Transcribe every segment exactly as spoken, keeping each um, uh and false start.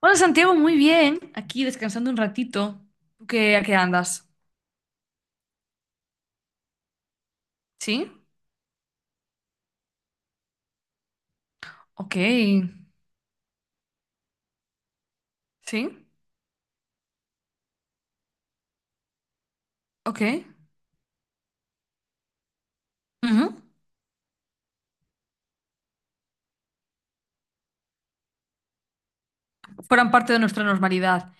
Hola Santiago, muy bien. Aquí descansando un ratito. ¿Tú qué, a qué andas? ¿Sí? Ok. ¿Sí? Ok. Ujú. Fueran parte de nuestra normalidad.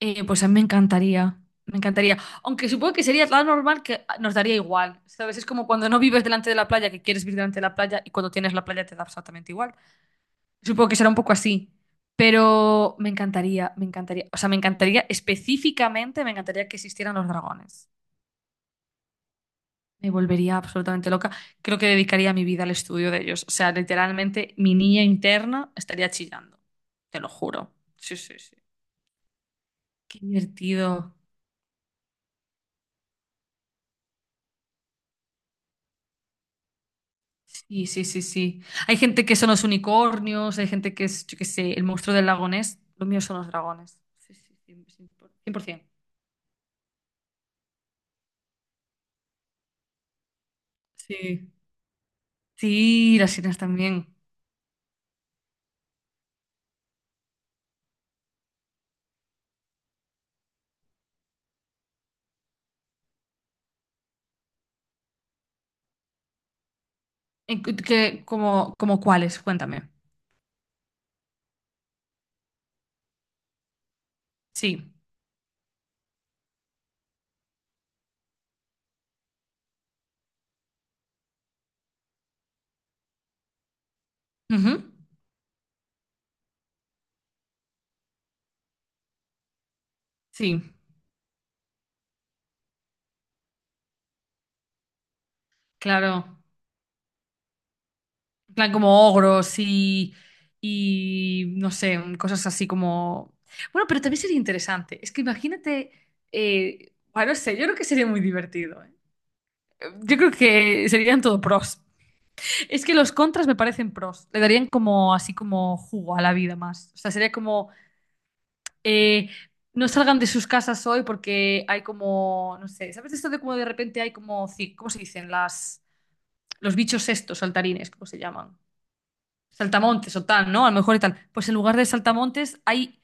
Eh, pues a mí me encantaría. Me encantaría. Aunque supongo que sería tan normal que nos daría igual. ¿Sabes? Es como cuando no vives delante de la playa, que quieres vivir delante de la playa y cuando tienes la playa te da absolutamente igual. Supongo que será un poco así. Pero me encantaría, me encantaría. O sea, me encantaría específicamente, me encantaría que existieran los dragones. Me volvería absolutamente loca. Creo que dedicaría mi vida al estudio de ellos. O sea, literalmente mi niña interna estaría chillando. Te lo juro. Sí, sí, sí. Qué divertido. Sí, sí, sí, sí. Hay gente que son los unicornios, hay gente que es, yo qué sé, el monstruo del lago Ness. Lo mío son los dragones. Sí, sí, sí, cien por cien. Sí. Sí, las sirenas también. ¿En cu- qué- como, como cuáles? Cuéntame. Sí. Ujú. Sí, claro. En plan como ogros y, y no sé, cosas así como... Bueno, pero también sería interesante. Es que imagínate, eh, bueno, no sé, yo creo que sería muy divertido, ¿eh? Yo creo que serían todo pros. Es que los contras me parecen pros. Le darían como así como jugo a la vida más. O sea, sería como eh, no salgan de sus casas hoy porque hay como, no sé, ¿sabes esto de cómo de repente hay como, ci- cómo se dicen? Las, los bichos estos, saltarines, ¿cómo se llaman? Saltamontes o tal, ¿no? A lo mejor y tal. Pues en lugar de saltamontes hay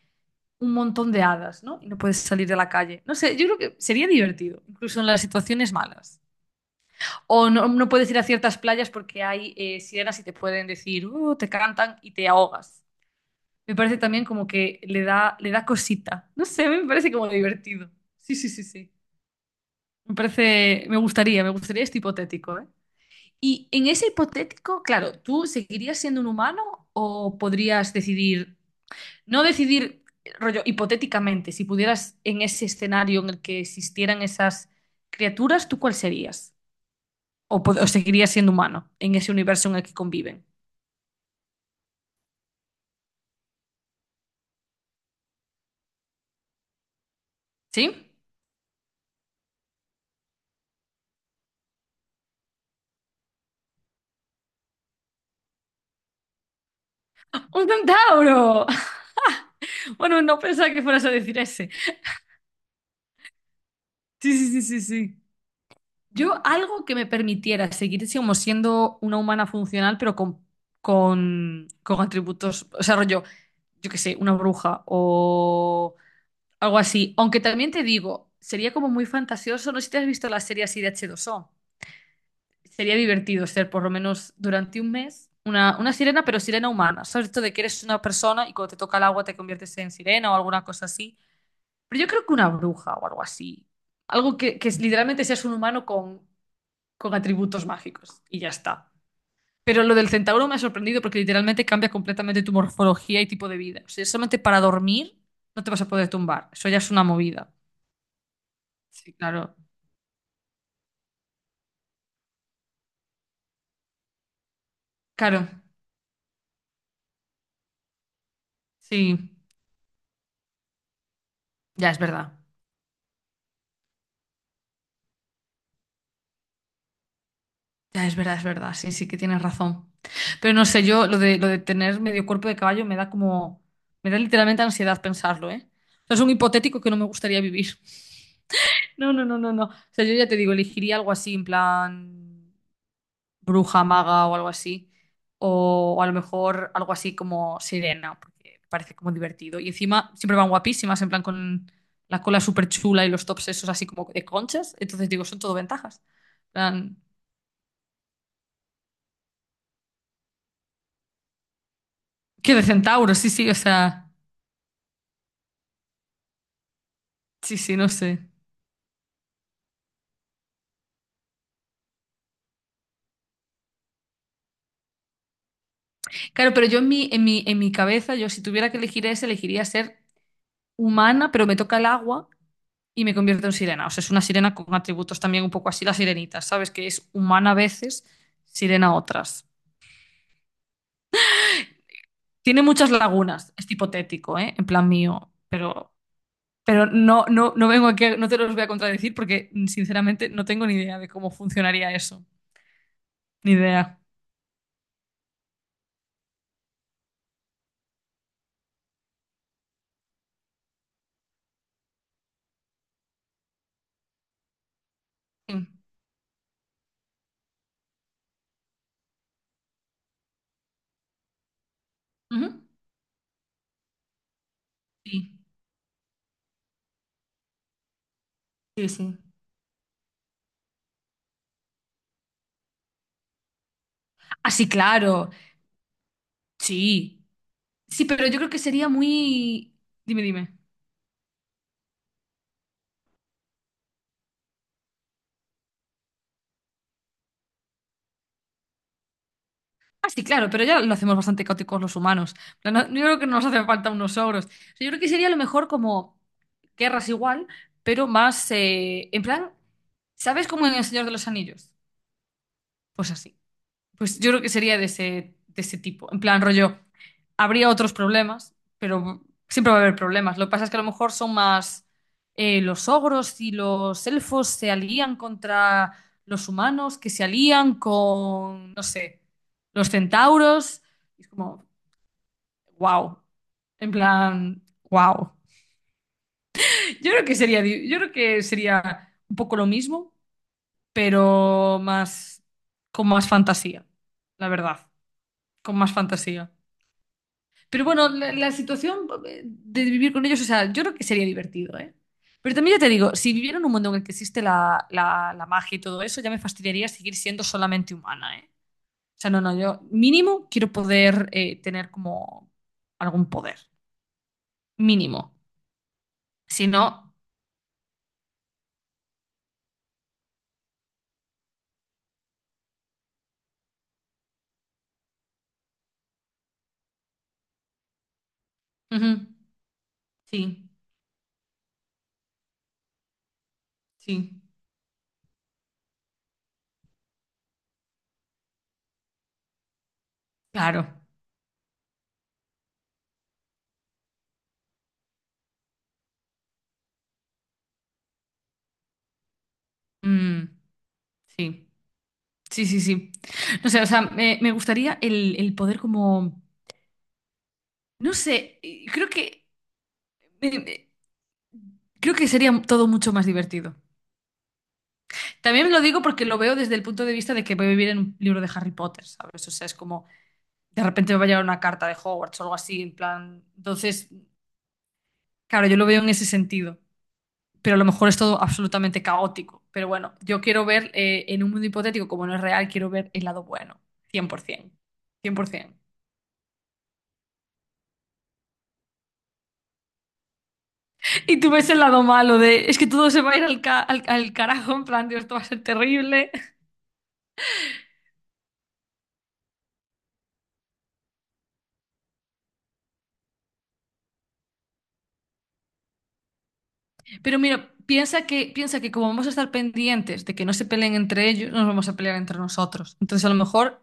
un montón de hadas, ¿no? Y no puedes salir de la calle. No sé, yo creo que sería divertido, incluso en las situaciones malas. O no, no puedes ir a ciertas playas porque hay eh, sirenas y te pueden decir, "Uh, te cantan y te ahogas". Me parece también como que le da, le da cosita. No sé, me parece como divertido. Sí, sí, sí, sí. Me parece, me gustaría, me gustaría este hipotético, ¿eh? Y en ese hipotético, claro, ¿tú seguirías siendo un humano o podrías decidir? No decidir, rollo, hipotéticamente, si pudieras en ese escenario en el que existieran esas criaturas, ¿tú cuál serías? ¿O, pod- o seguirías siendo humano en ese universo en el que conviven? ¿Sí? ¡Un centauro! Bueno, no pensaba que fueras a decir ese. Sí, sí, sí, sí, sí. Yo algo que me permitiera seguir como siendo una humana funcional, pero con, con, con atributos, o sea, rollo, yo qué sé, una bruja o algo así. Aunque también te digo, sería como muy fantasioso. No sé si te has visto la serie así de h dos o... Sería divertido ser por lo menos durante un mes una, una sirena, pero sirena humana. Sobre esto de que eres una persona y cuando te toca el agua te conviertes en sirena o alguna cosa así. Pero yo creo que una bruja o algo así. Algo que, que literalmente seas un humano con, con atributos mágicos y ya está. Pero lo del centauro me ha sorprendido porque literalmente cambia completamente tu morfología y tipo de vida. O sea, solamente para dormir no te vas a poder tumbar. Eso ya es una movida. Sí, claro. Claro, sí, ya es verdad, ya es verdad, es verdad, sí, sí que tienes razón. Pero no sé, yo lo de, lo de tener medio cuerpo de caballo me da como, me da literalmente ansiedad pensarlo, ¿eh? O sea, es un hipotético que no me gustaría vivir. No, no, no, no, no. O sea, yo ya te digo, elegiría algo así, en plan, bruja, maga o algo así. O, o a lo mejor algo así como sirena, porque me parece como divertido. Y encima siempre van guapísimas, en plan con la cola súper chula y los tops esos así como de conchas. Entonces digo, son todo ventajas. En plan, que de centauro, sí, sí, o sea, sí, sí, no sé. Claro, pero yo en mi, en mi, en mi cabeza, yo si tuviera que elegir ese, elegiría ser humana, pero me toca el agua y me convierto en sirena. O sea, es una sirena con atributos también un poco así, la sirenita, ¿sabes? Que es humana a veces, sirena a otras. Tiene muchas lagunas, es hipotético, ¿eh? En plan mío, pero, pero no, no, no vengo aquí, a- no te los voy a contradecir porque mm, sinceramente no tengo ni idea de cómo funcionaría eso. Ni idea. Sí. Ujú. Sí, sí, sí. Ah, sí, claro. Sí. Sí, pero yo creo que sería muy... Dime, dime. Ah, sí, claro, pero ya lo hacemos bastante caóticos los humanos. En plan, no- yo creo que no nos hace falta unos ogros. O sea, yo creo que sería a lo mejor como guerras igual, pero más eh, en plan, ¿sabes cómo en El Señor de los Anillos? Pues así. Pues yo creo que sería de ese, de ese tipo. En plan, rollo, habría otros problemas, pero siempre va a haber problemas. Lo que pasa es que a lo mejor son más eh, los ogros y los elfos se alían contra los humanos, que se alían con, no sé, los centauros. Y es como, wow. En plan, wow. Yo creo que sería, di- yo creo que sería un poco lo mismo, pero más, con más fantasía, la verdad, con más fantasía. Pero bueno, la, la situación eh, de vivir con ellos, o sea, yo creo que sería divertido, ¿eh? Pero también ya te digo, si viviera en un mundo en el que existe la, la- la magia y todo eso, ya me fastidiaría seguir siendo solamente humana, ¿eh? O sea, no, no, yo mínimo quiero poder eh, tener como algún poder, mínimo. Si no, ujú, sí, sí, claro, mm, sí, sí, sí, sí. No sé, o sea, me, me gustaría el, el poder como, no sé, eh, creo que... eh, Creo que sería todo mucho más divertido. También lo digo porque lo veo desde el punto de vista de que voy a vivir en un libro de Harry Potter, ¿sabes? O sea, es como de repente me va a llegar una carta de Hogwarts o algo así, en plan. Entonces, claro, yo lo veo en ese sentido, pero a lo mejor es todo absolutamente caótico. Pero bueno, yo quiero ver eh, en un mundo hipotético, como no es real, quiero ver el lado bueno, cien cien por ciento, cien por cien. Y tú ves el lado malo de, es que todo se va a ir al, ca- al, al carajo, en plan, Dios, esto va a ser terrible. Pero mira, piensa que, piensa que, como vamos a estar pendientes de que no se peleen entre ellos, no nos vamos a pelear entre nosotros. Entonces, a lo mejor,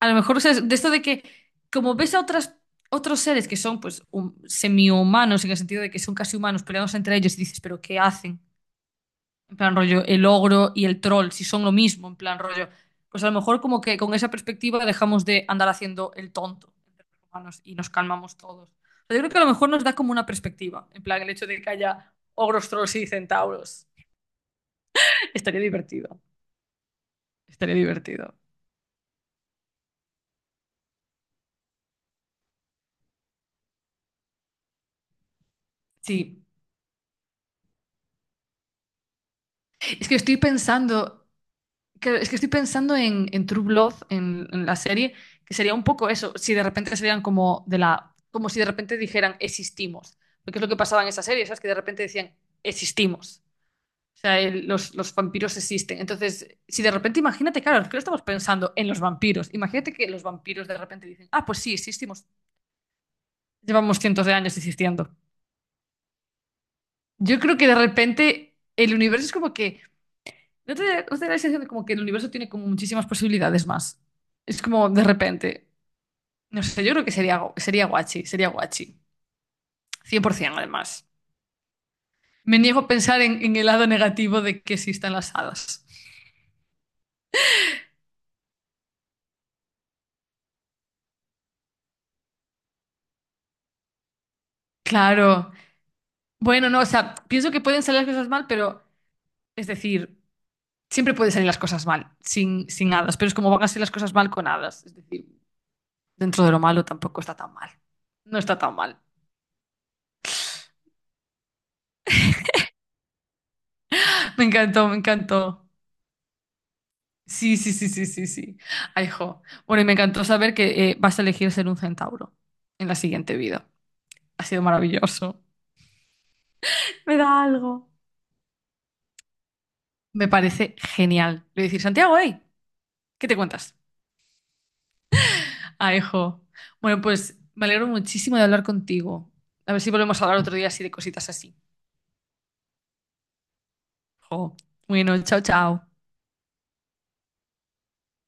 a lo mejor, ¿sabes? De esto de que, como ves a otras, otros seres que son pues semi humanos en el sentido de que son casi humanos peleados entre ellos y dices, pero ¿qué hacen? En plan rollo, el ogro y el troll, si son lo mismo, en plan rollo. Pues a lo mejor como que con esa perspectiva dejamos de andar haciendo el tonto entre los humanos y nos calmamos todos. O sea, yo creo que a lo mejor nos da como una perspectiva, en plan el hecho de que haya ogros, trolls y centauros. Estaría divertido, estaría divertido. Sí, es que estoy pensando. Claro, es que estoy pensando en, en True Blood, en, en la serie, que sería un poco eso, si de repente serían como de la, como si de repente dijeran existimos, porque es lo que pasaba en esa serie, ¿sabes? Que de repente decían existimos, o sea, el- los, los vampiros existen. Entonces, si de repente, imagínate, claro, que estamos pensando en los vampiros, imagínate que los vampiros de repente dicen, ah, pues sí, existimos, llevamos cientos de años existiendo. Yo creo que de repente el universo es como que, ¿no te, no te da la sensación de como que el universo tiene como muchísimas posibilidades más? Es como de repente. No sé, yo creo que sería, sería guachi, sería guachi. cien por ciento además. Me niego a pensar en, en el lado negativo de que existan las hadas. Claro. Bueno, no, o sea, pienso que pueden salir las cosas mal, pero es decir, siempre pueden salir las cosas mal sin, sin hadas, pero es como van a salir las cosas mal con hadas. Es decir, dentro de lo malo tampoco está tan mal. No está tan mal. Me encantó, me encantó. Sí, sí, sí, sí, sí, sí. Ay, jo. Bueno, y me encantó saber que eh, vas a elegir ser un centauro en la siguiente vida. Ha sido maravilloso. Me da algo. Me parece genial. Le voy a decir, Santiago, hey, ¿qué te cuentas? Ah, hijo. Bueno, pues me alegro muchísimo de hablar contigo. A ver si volvemos a hablar otro día así de cositas así. Jo. Bueno, chao, chao.